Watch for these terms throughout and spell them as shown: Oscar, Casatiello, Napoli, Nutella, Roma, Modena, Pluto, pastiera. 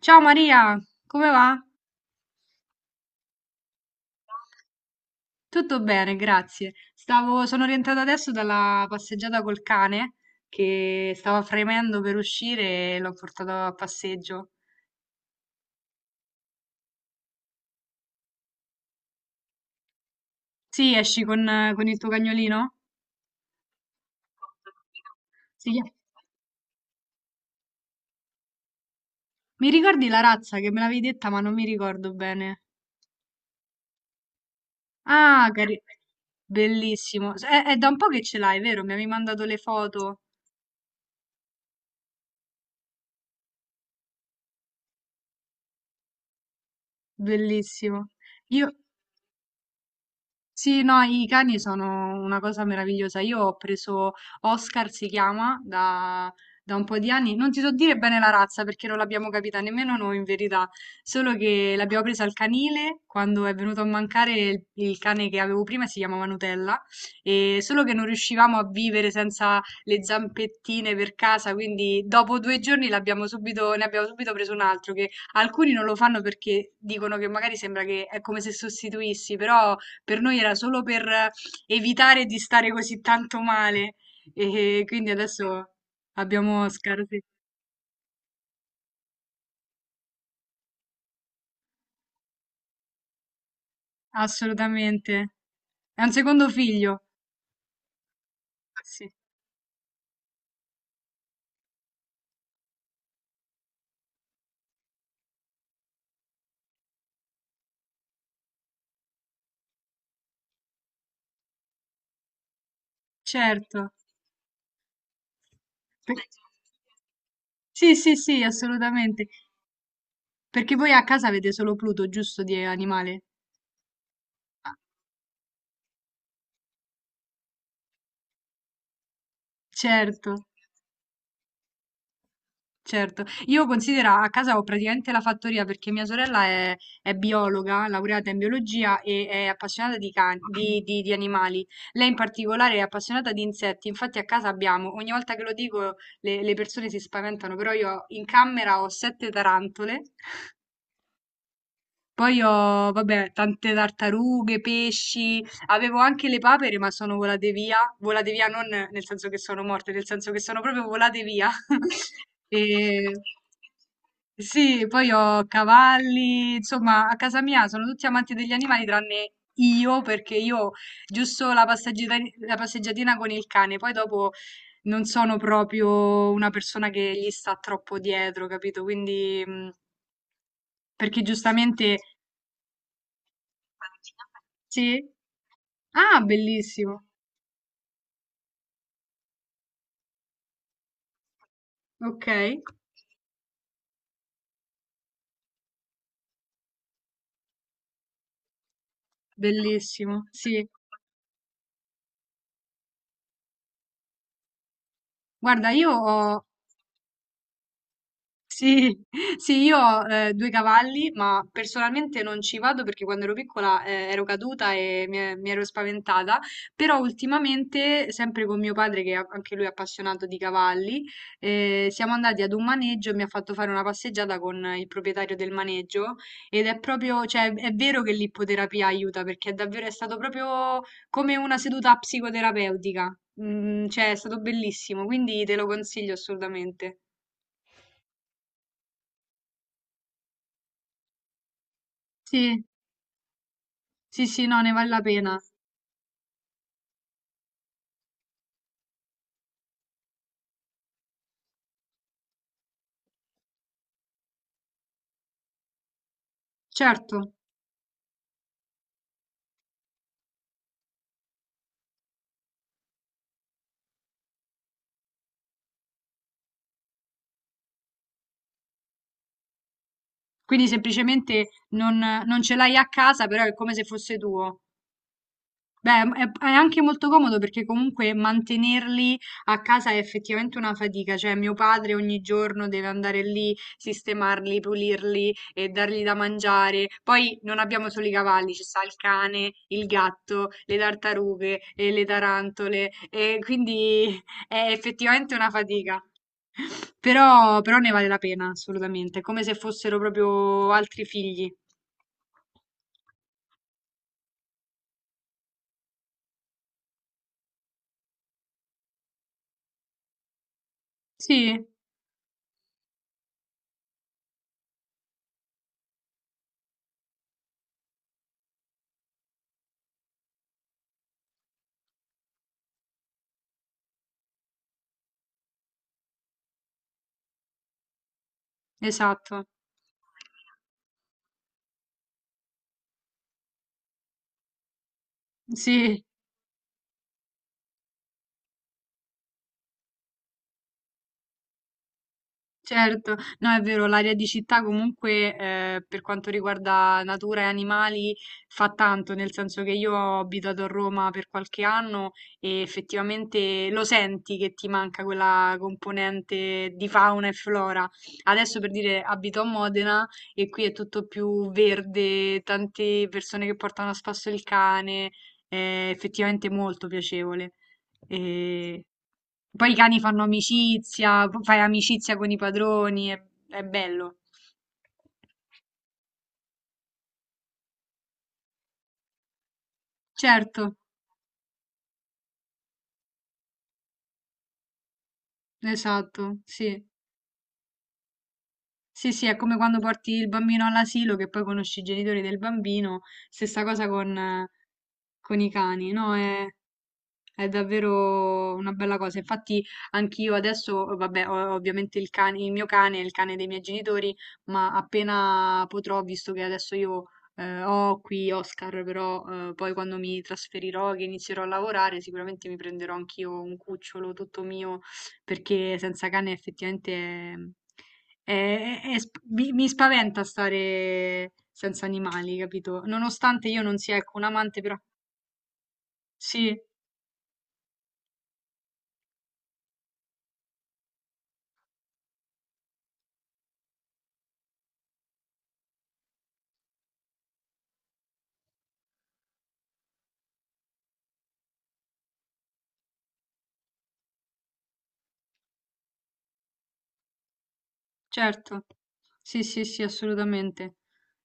Ciao Maria, come va? Tutto bene, grazie. Sono rientrata adesso dalla passeggiata col cane che stava fremendo per uscire e l'ho portato a passeggio. Sì, esci con il tuo cagnolino? Sì. Mi ricordi la razza che me l'avevi detta, ma non mi ricordo bene. Ah, bellissimo. È da un po' che ce l'hai, vero? Mi avevi mandato le foto. Bellissimo. Io, Sì, no, i cani sono una cosa meravigliosa. Io ho preso Oscar, si chiama, da un po' di anni. Non ti so dire bene la razza perché non l'abbiamo capita nemmeno noi in verità, solo che l'abbiamo presa al canile quando è venuto a mancare il cane che avevo prima, si chiamava Nutella, e solo che non riuscivamo a vivere senza le zampettine per casa, quindi dopo 2 giorni l'abbiamo subito, ne abbiamo subito preso un altro, che alcuni non lo fanno perché dicono che magari sembra che è come se sostituissi, però. Per noi era solo per evitare di stare così tanto male e quindi adesso abbiamo Oscar, sì, assolutamente. È un secondo figlio. Sì, certo. Per- Sì, sì, sì, assolutamente. Perché voi a casa avete solo Pluto, giusto, di animale? Ah, certo. Certo. Io considera, a casa ho praticamente la fattoria perché mia sorella è biologa, laureata in biologia e è appassionata di, di animali. Lei in particolare è appassionata di insetti, infatti a casa abbiamo, ogni volta che lo dico le persone si spaventano, però io in camera ho 7 tarantole, poi ho, vabbè, tante tartarughe, pesci, avevo anche le papere, ma sono volate via non nel senso che sono morte, nel senso che sono proprio volate via. E. Sì, poi ho cavalli, insomma, a casa mia sono tutti amanti degli animali tranne io, perché io giusto la passeggiatina con il cane, poi dopo non sono proprio una persona che gli sta troppo dietro, capito? Perché giustamente sì. Ah, bellissimo. Okay, bellissimo, sì. Guarda, io ho sì, sì, io ho 2 cavalli, ma personalmente non ci vado perché quando ero piccola ero caduta e mi ero spaventata, però ultimamente, sempre con mio padre, anche lui è appassionato di cavalli, siamo andati ad un maneggio e mi ha fatto fare una passeggiata con il proprietario del maneggio ed è proprio, cioè è vero che l'ippoterapia aiuta perché è davvero, è stato proprio come una seduta psicoterapeutica. Mm, cioè è stato bellissimo, quindi te lo consiglio assolutamente. Sì. Sì, sì, no, ne vale la pena. Certo. Quindi semplicemente non ce l'hai a casa, però è come se fosse tuo. Beh, è anche molto comodo perché comunque mantenerli a casa è effettivamente una fatica. Cioè, mio padre ogni giorno deve andare lì, sistemarli, pulirli e dargli da mangiare. Poi non abbiamo solo i cavalli, ci sta il cane, il gatto, le tartarughe e le tarantole. E quindi è effettivamente una fatica. Però, però ne vale la pena, assolutamente, come se fossero proprio altri figli. Sì, esatto. Sì. Certo, no è vero, l'aria di città comunque per quanto riguarda natura e animali fa tanto, nel senso che io ho abitato a Roma per qualche anno e effettivamente lo senti che ti manca quella componente di fauna e flora. Adesso per dire abito a Modena e qui è tutto più verde, tante persone che portano a spasso il cane, è effettivamente molto piacevole. E poi i cani fanno amicizia, fai amicizia con i padroni, è bello. Certo, esatto, sì. Sì, sì, è come quando porti il bambino all'asilo che poi conosci i genitori del bambino, stessa cosa con i cani, no? È, è davvero una bella cosa. Infatti, anch'io adesso, vabbè, ho ovviamente il cane, il mio cane, il cane dei miei genitori, ma appena potrò, visto che adesso io ho qui Oscar, però poi quando mi trasferirò, che inizierò a lavorare, sicuramente mi prenderò anch'io un cucciolo tutto mio, perché senza cane effettivamente mi spaventa stare senza animali, capito? Nonostante io non sia, ecco, un amante, però sì. Certo. Sì, sì, sì, assolutamente.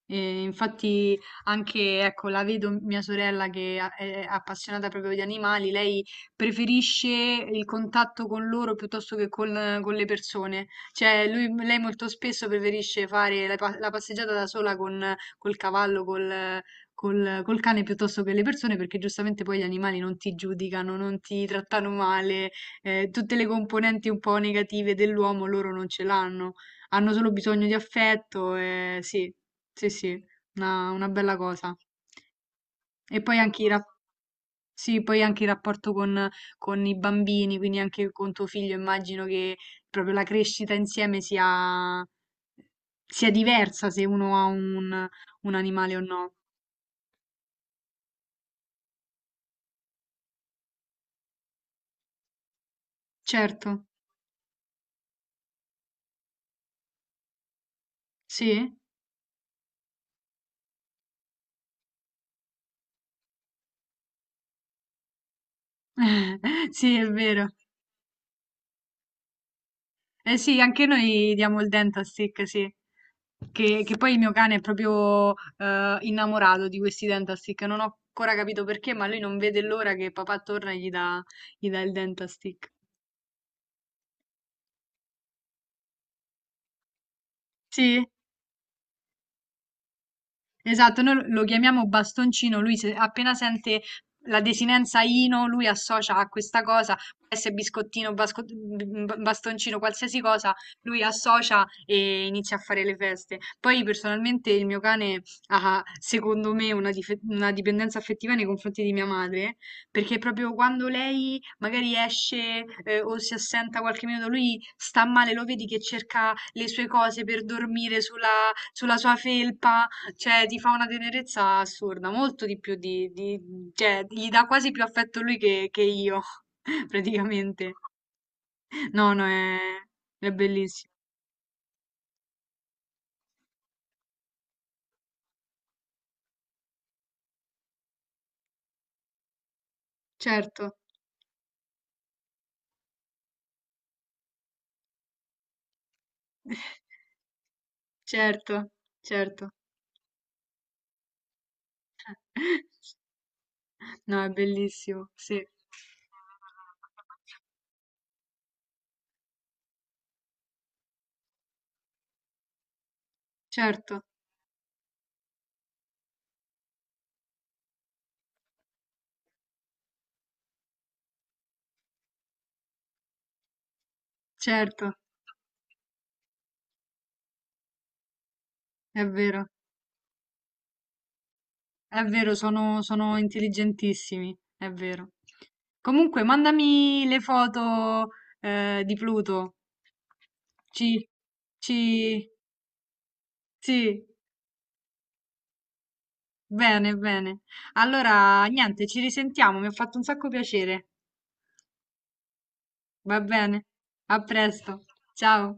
E infatti anche, ecco, la vedo mia sorella è appassionata proprio di animali, lei preferisce il contatto con loro piuttosto che con le persone. Cioè, lei molto spesso preferisce fare la passeggiata da sola col cavallo, col cane piuttosto che le persone, perché giustamente poi gli animali non ti giudicano, non ti trattano male, tutte le componenti un po' negative dell'uomo loro non ce l'hanno, hanno solo bisogno di affetto, e sì. Sì, sì, una bella cosa. E poi sì, poi anche il rapporto con i bambini, quindi anche con tuo figlio, immagino che proprio la crescita insieme sia diversa se uno ha un animale o no. Certo, sì, sì, è vero. Eh sì, anche noi diamo il dente a Stick, sì. Che poi il mio cane è proprio innamorato di questi dentastick. Non ho ancora capito perché, ma lui non vede l'ora che papà torna e gli dà il dentastick. Sì? Esatto, noi lo chiamiamo bastoncino, lui se- appena sente la desinenza Ino, lui associa a questa cosa, può essere biscottino, bastoncino, qualsiasi cosa, lui associa e inizia a fare le feste. Poi personalmente il mio cane ha, secondo me, una dipendenza affettiva nei confronti di mia madre, perché proprio quando lei magari esce o si assenta qualche minuto, lui sta male, lo vedi che cerca le sue cose per dormire sulla sua felpa, cioè, ti fa una tenerezza assurda, molto di più cioè, gli dà quasi più affetto lui che io, praticamente. No, no, è bellissimo. Certo, certo, certo. No, è bellissimo, sì. Certo, certo, è vero, è vero, sono, sono intelligentissimi, è vero. Comunque, mandami le foto, di Pluto. Ci, ci, sì, bene, bene. Allora, niente, ci risentiamo, mi ha fatto un sacco piacere. Va bene, a presto, ciao.